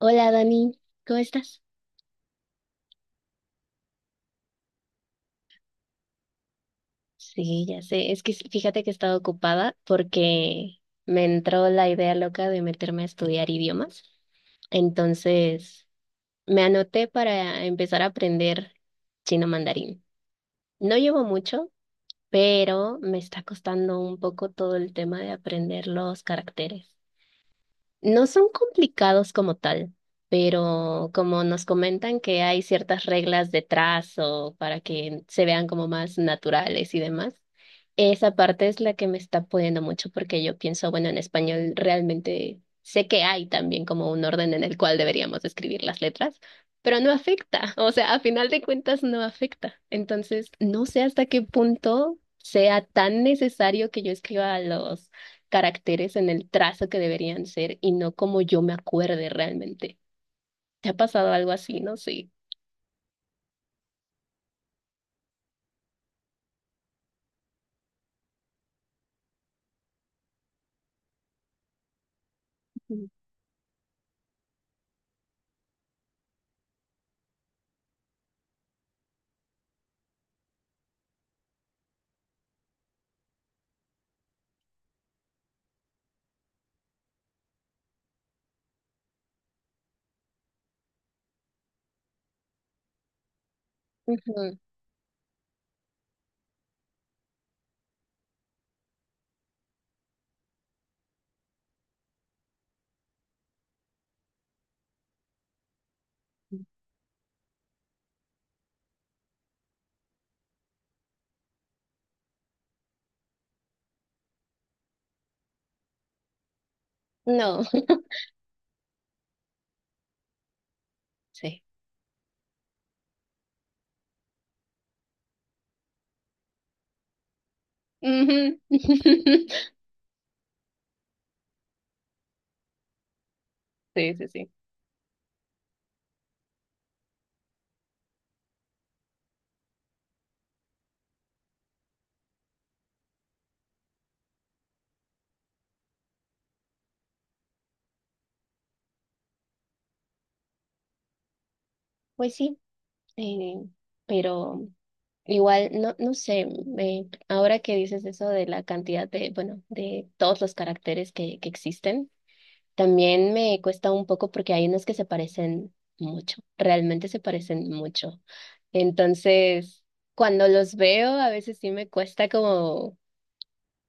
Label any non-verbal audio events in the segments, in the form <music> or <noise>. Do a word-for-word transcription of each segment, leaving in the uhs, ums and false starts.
Hola Dani, ¿cómo estás? Sí, ya sé, es que s- fíjate que he estado ocupada porque me entró la idea loca de meterme a estudiar idiomas. Entonces, me anoté para empezar a aprender chino mandarín. No llevo mucho, pero me está costando un poco todo el tema de aprender los caracteres. No son complicados como tal, pero como nos comentan que hay ciertas reglas de trazo para que se vean como más naturales y demás, esa parte es la que me está poniendo mucho porque yo pienso, bueno, en español realmente sé que hay también como un orden en el cual deberíamos escribir las letras, pero no afecta, <laughs> o sea, a final de cuentas no afecta. Entonces, no sé hasta qué punto sea tan necesario que yo escriba los caracteres en el trazo que deberían ser y no como yo me acuerde realmente. ¿Te ha pasado algo así? No, sí. Ujú. Ujú. No, <laughs> sí. Ujú. <laughs> Sí, sí, sí. Pues sí, eh, pero igual, no, no sé, eh, ahora que dices eso de la cantidad de, bueno, de todos los caracteres que, que existen. También me cuesta un poco porque hay unos que se parecen mucho, realmente se parecen mucho. Entonces, cuando los veo, a veces sí me cuesta como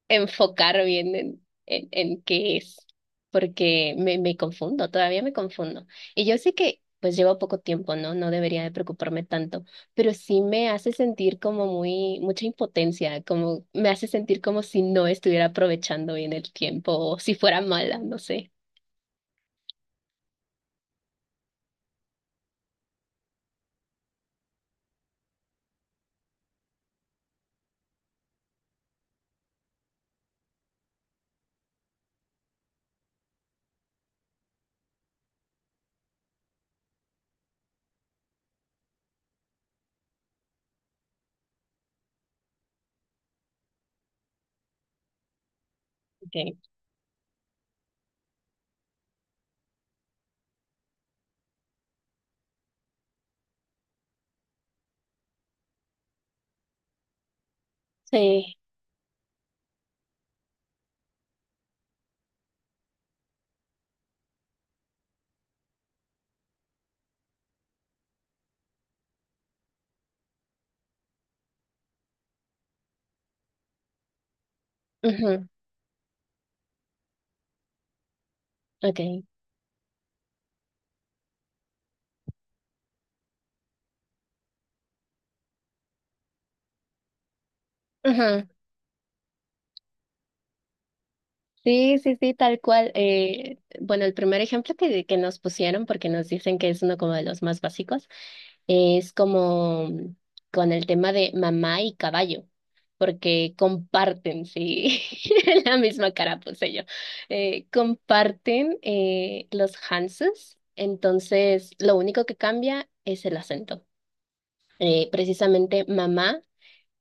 enfocar bien en, en, en, qué es, porque me, me confundo, todavía me confundo. Y yo sé que pues llevo poco tiempo, ¿no? No debería de preocuparme tanto, pero sí me hace sentir como muy, mucha impotencia, como me hace sentir como si no estuviera aprovechando bien el tiempo o si fuera mala, no sé. Ok. Sí, ujú, okay, ujú. Sí, sí, sí, tal cual. Eh, bueno, el primer ejemplo que, que nos pusieron, porque nos dicen que es uno como de los más básicos, es como con el tema de mamá y caballo, porque comparten, sí, <laughs> la misma cara puse yo, eh, comparten eh, los Hanses, entonces lo único que cambia es el acento. Eh, precisamente mamá.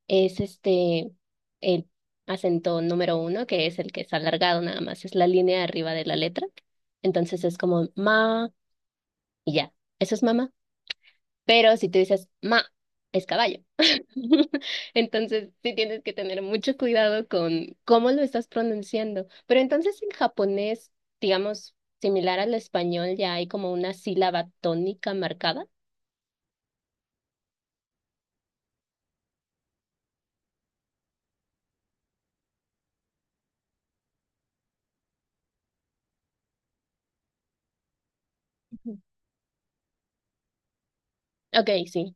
Es este, el acento número uno, que es el que es alargado nada más, es la línea de arriba de la letra. Entonces es como ma y ya, eso es mamá. Pero si tú dices ma, es caballo. <laughs> Entonces sí tienes que tener mucho cuidado con cómo lo estás pronunciando. Pero entonces en japonés, digamos, similar al español, ya hay como una sílaba tónica marcada. Ujú. Ok, sí,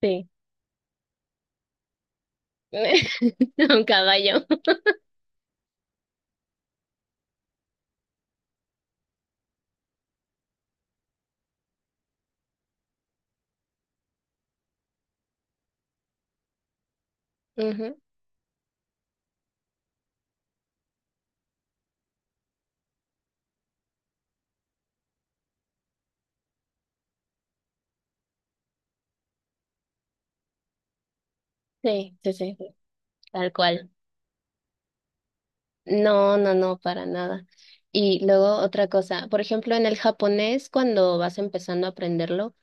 sí. <laughs> Un caballo. Ujú, sí, sí, sí. Tal cual. No, no, no, para nada. Y luego otra cosa, por ejemplo, en el japonés, cuando vas empezando a aprenderlo,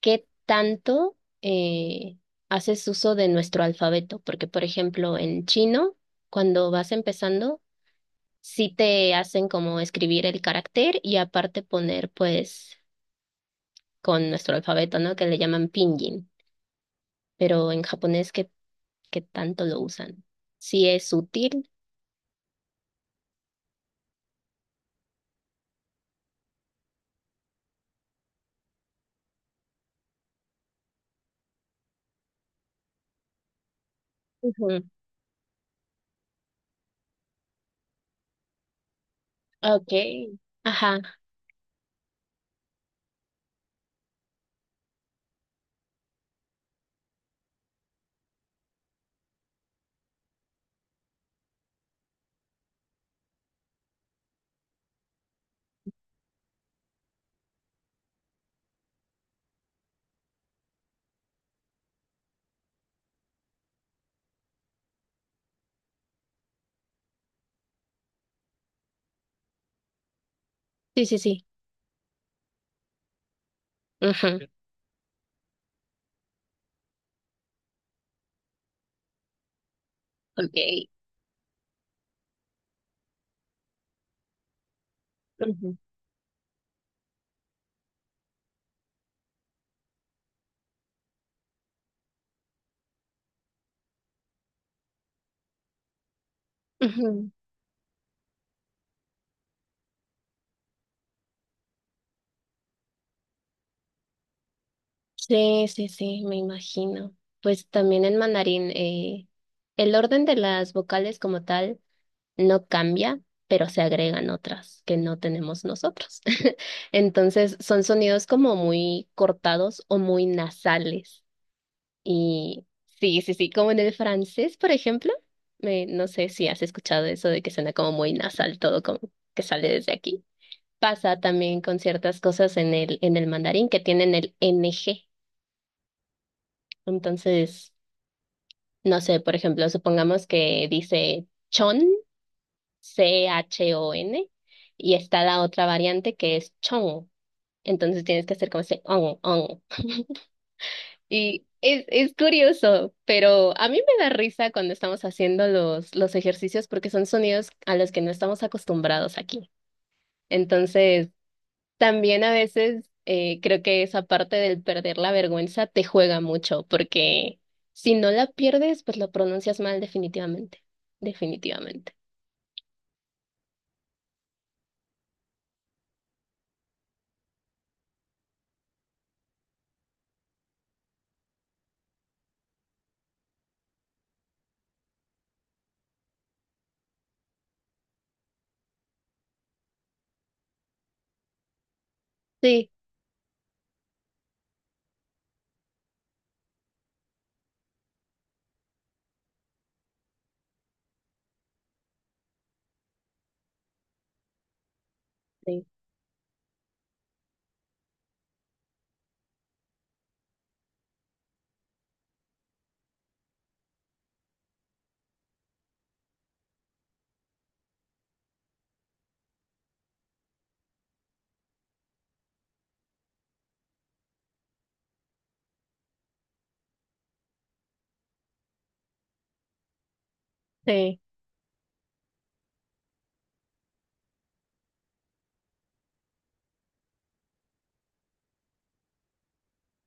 qué tanto eh, haces uso de nuestro alfabeto? Porque, por ejemplo, en chino, cuando vas empezando, sí te hacen como escribir el carácter y aparte poner, pues, con nuestro alfabeto, ¿no? Que le llaman pinyin. Pero en japonés, ¿qué, qué tanto lo usan? ¿Sí es útil? Ujú. Ok. Ajá. Sí, sí, sí. Ujú, sí. Ok. Ujú, ujú. Sí, sí, sí, me imagino. Pues también en mandarín, eh, el orden de las vocales como tal no cambia, pero se agregan otras que no tenemos nosotros. <laughs> Entonces son sonidos como muy cortados o muy nasales. Y sí, sí, sí, como en el francés, por ejemplo. Me, no sé si has escuchado eso de que suena como muy nasal todo, como que sale desde aquí. Pasa también con ciertas cosas en el, en el mandarín que tienen el N G. Entonces, no sé, por ejemplo, supongamos que dice chon, C H O N, y está la otra variante que es chong. Entonces tienes que hacer como ese on, on. Y es, es curioso, pero a mí me da risa cuando estamos haciendo los, los ejercicios porque son sonidos a los que no estamos acostumbrados aquí. Entonces, también a veces eh, creo que esa parte del perder la vergüenza te juega mucho, porque si no la pierdes, pues lo pronuncias mal definitivamente, definitivamente. Sí, sí, sí.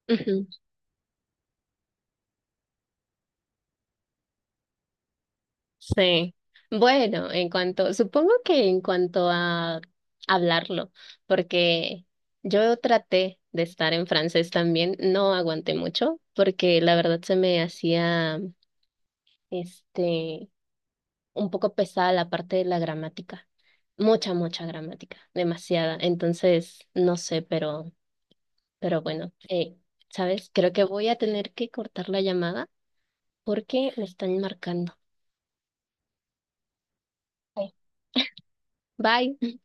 Ujú, sí. Bueno, en cuanto, supongo que en cuanto a hablarlo, porque yo traté de estar en francés también, no aguanté mucho, porque la verdad se me hacía, este, un poco pesada la parte de la gramática. Mucha, mucha gramática, demasiada. Entonces, no sé, pero, pero bueno, eh, ¿sabes? Creo que voy a tener que cortar la llamada porque me están marcando. Bye. <laughs> Bye.